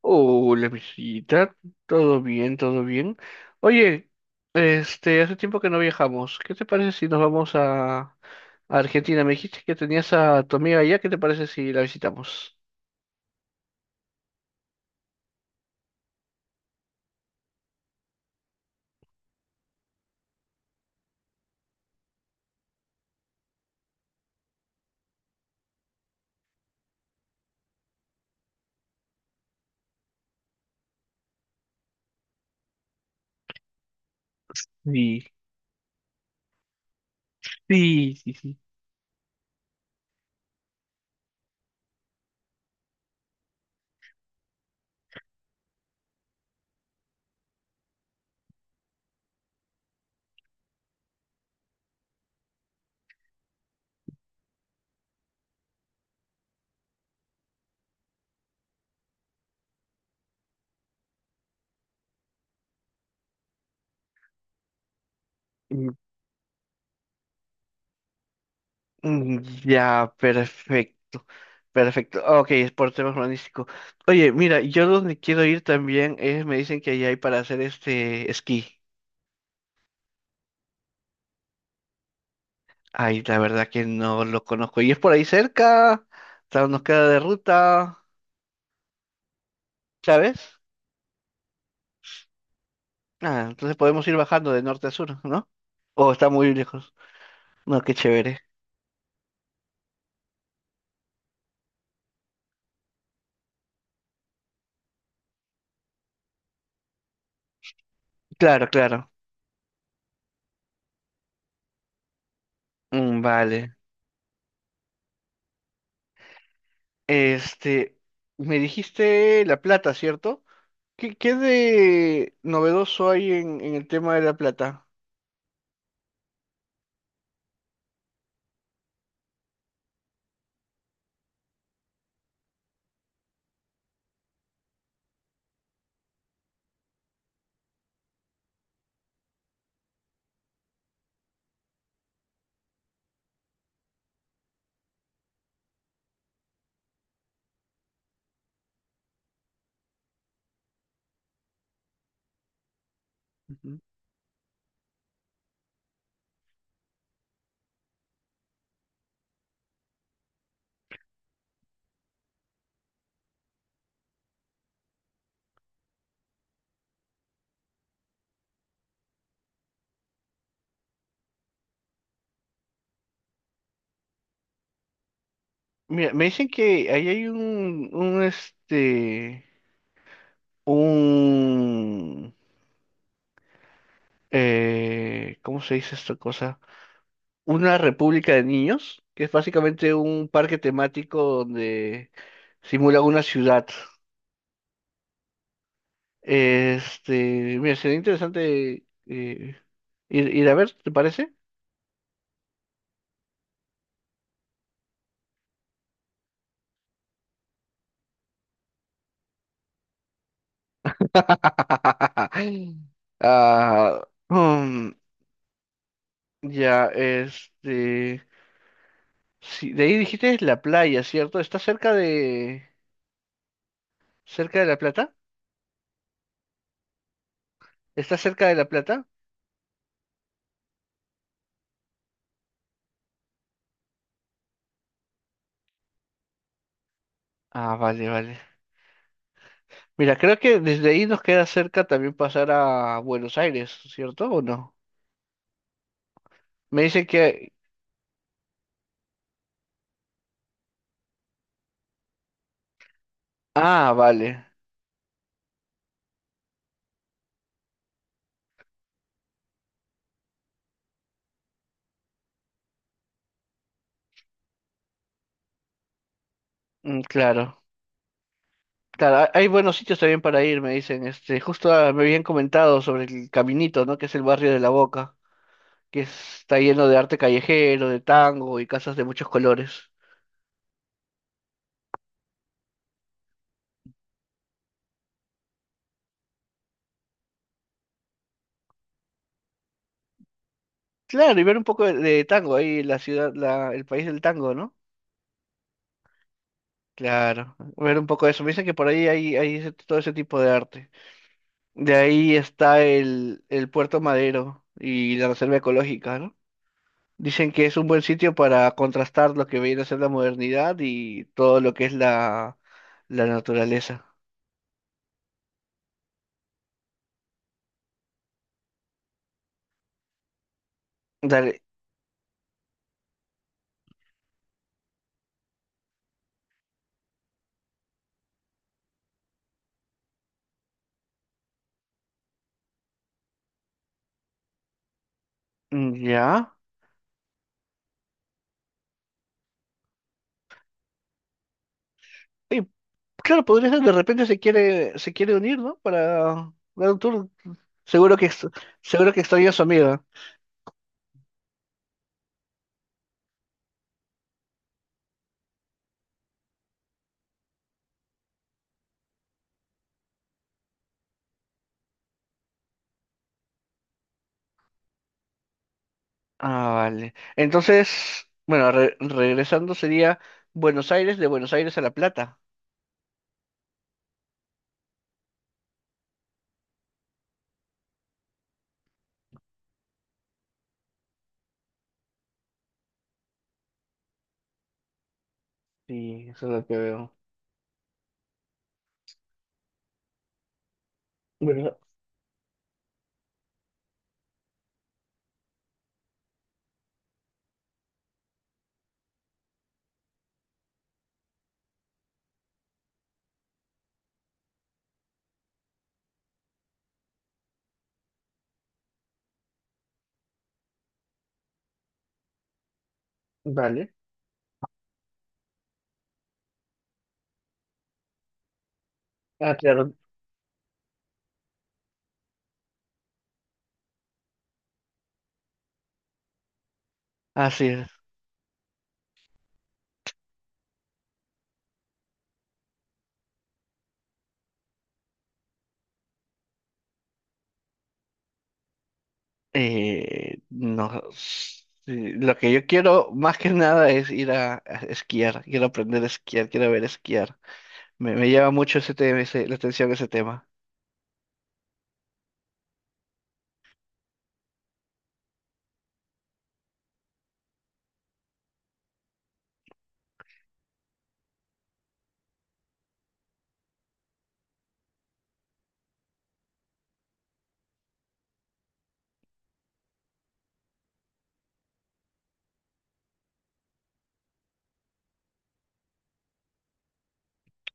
Hola, visita. Todo bien, todo bien. Oye, hace tiempo que no viajamos. ¿Qué te parece si nos vamos a Argentina? Me dijiste que tenías a tu amiga allá. ¿Qué te parece si la visitamos? Sí. Sí, sí, sí. Mm, mm, ya, perfecto. Perfecto. Ok, es por tema urbanístico. Oye, mira, yo donde quiero ir también es, me dicen que allá hay para hacer esquí. Ay, la verdad que no lo conozco. Y es por ahí cerca, claro, nos queda de ruta, ¿sabes? Ah, entonces podemos ir bajando de norte a sur, ¿no? O está muy lejos. No, qué chévere. Claro, claro. Mm, vale. Este, Me dijiste La Plata, ¿cierto? ¿Qué de novedoso hay en el tema de La Plata? Ujú. Mira, me dicen que ahí hay un, ¿cómo se dice esta cosa? Una república de niños, que es básicamente un parque temático donde simula una ciudad. Mira, sería interesante ir a ver, ¿te parece? Ah, mm, ya, sí, de ahí dijiste la playa, ¿cierto? ¿Está cerca de La Plata? ¿Está cerca de La Plata? Ah, vale, vale. Mira, creo que desde ahí nos queda cerca también pasar a Buenos Aires, ¿cierto o no? Me dicen que... Ah, vale. Mm, claro. Claro, hay buenos sitios también para ir, me dicen. Justo, me habían comentado sobre el Caminito, ¿no? Que es el barrio de La Boca, está lleno de arte callejero, de tango y casas de muchos colores. Claro, y ver un poco de tango ahí, la ciudad, el país del tango, ¿no? Claro, ver un poco de eso. Me dicen que por ahí hay todo ese tipo de arte. De ahí está el Puerto Madero y la Reserva Ecológica, ¿no? Dicen que es un buen sitio para contrastar lo que viene a ser la modernidad y todo lo que es la naturaleza. Dale, mm, ya. Oye, claro, podría ser, de repente se quiere unir, ¿no? Para dar un tour. Seguro que, ex- seguro que extraña a su amiga. Ah, vale. Entonces, bueno, regresando sería Buenos Aires, de Buenos Aires a La Plata. Sí, eso es lo que veo. Bueno, vale. Ah, claro. Así es. No, lo que yo quiero más que nada es ir a esquiar, quiero aprender a esquiar, quiero ver esquiar. Me llama mucho ese tema, la atención ese tema.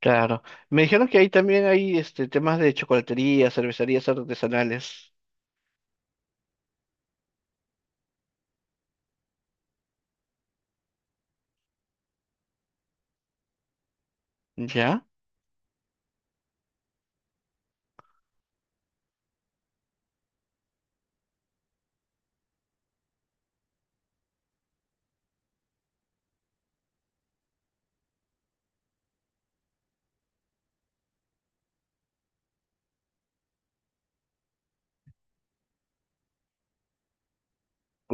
Claro. Me dijeron que ahí también hay temas de chocolatería, cervecerías artesanales. ¿Ya?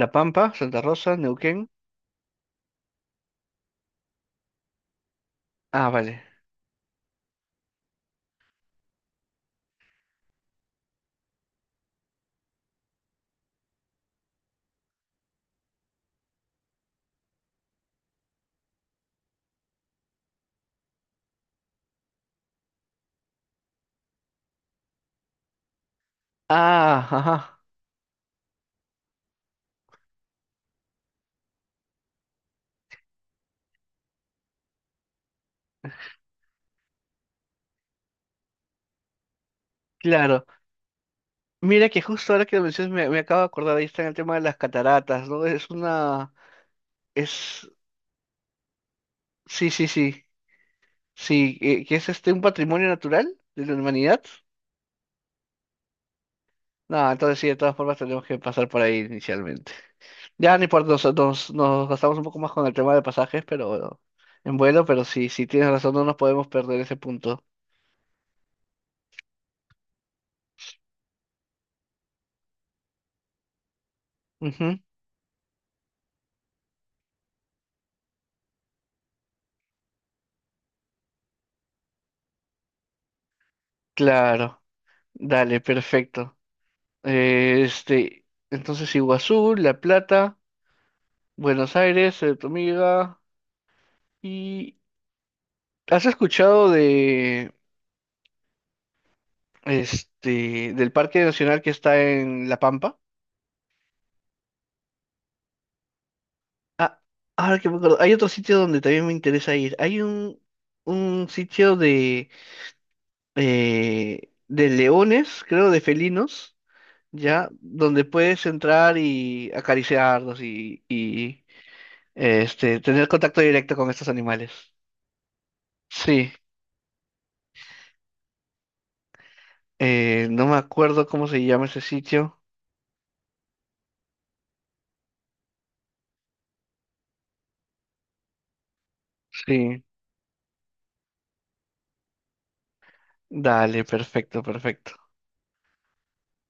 La Pampa, Santa Rosa, Neuquén. Ah, vale. Ah, ajá. Claro. Mira que justo ahora que lo mencionas me acabo de acordar, ahí está el tema de las cataratas, ¿no? Es... Sí, sí, sí. Sí, que es un patrimonio natural de la humanidad. No, entonces sí, de todas formas tenemos que pasar por ahí inicialmente. Ya ni por nos gastamos un poco más con el tema de pasajes, pero bueno, en vuelo, pero sí, sí tienes razón, no nos podemos perder ese punto. Ujú, claro, dale, perfecto. Eh, este, entonces Iguazú, La Plata, Buenos Aires, tu amiga. ¿Y has escuchado de este del Parque Nacional que está en La Pampa? Ah, ahora que me acuerdo, hay otro sitio donde también me interesa ir. Hay un sitio de leones, creo, de felinos, ya, donde puedes entrar y acariciarlos y tener contacto directo con estos animales. Sí, no me acuerdo cómo se llama ese sitio. Sí, dale, perfecto, perfecto.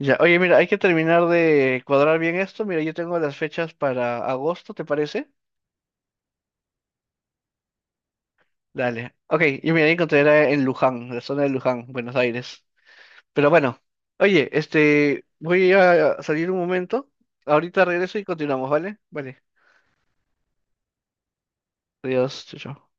Ya, oye, mira, hay que terminar de cuadrar bien esto. Mira, yo tengo las fechas para agosto, ¿te parece? Dale. Ok, yo me encontré era en Luján, la zona de Luján, Buenos Aires. Pero bueno, oye, voy a salir un momento. Ahorita regreso y continuamos, ¿vale? Vale. Adiós, chao, chao.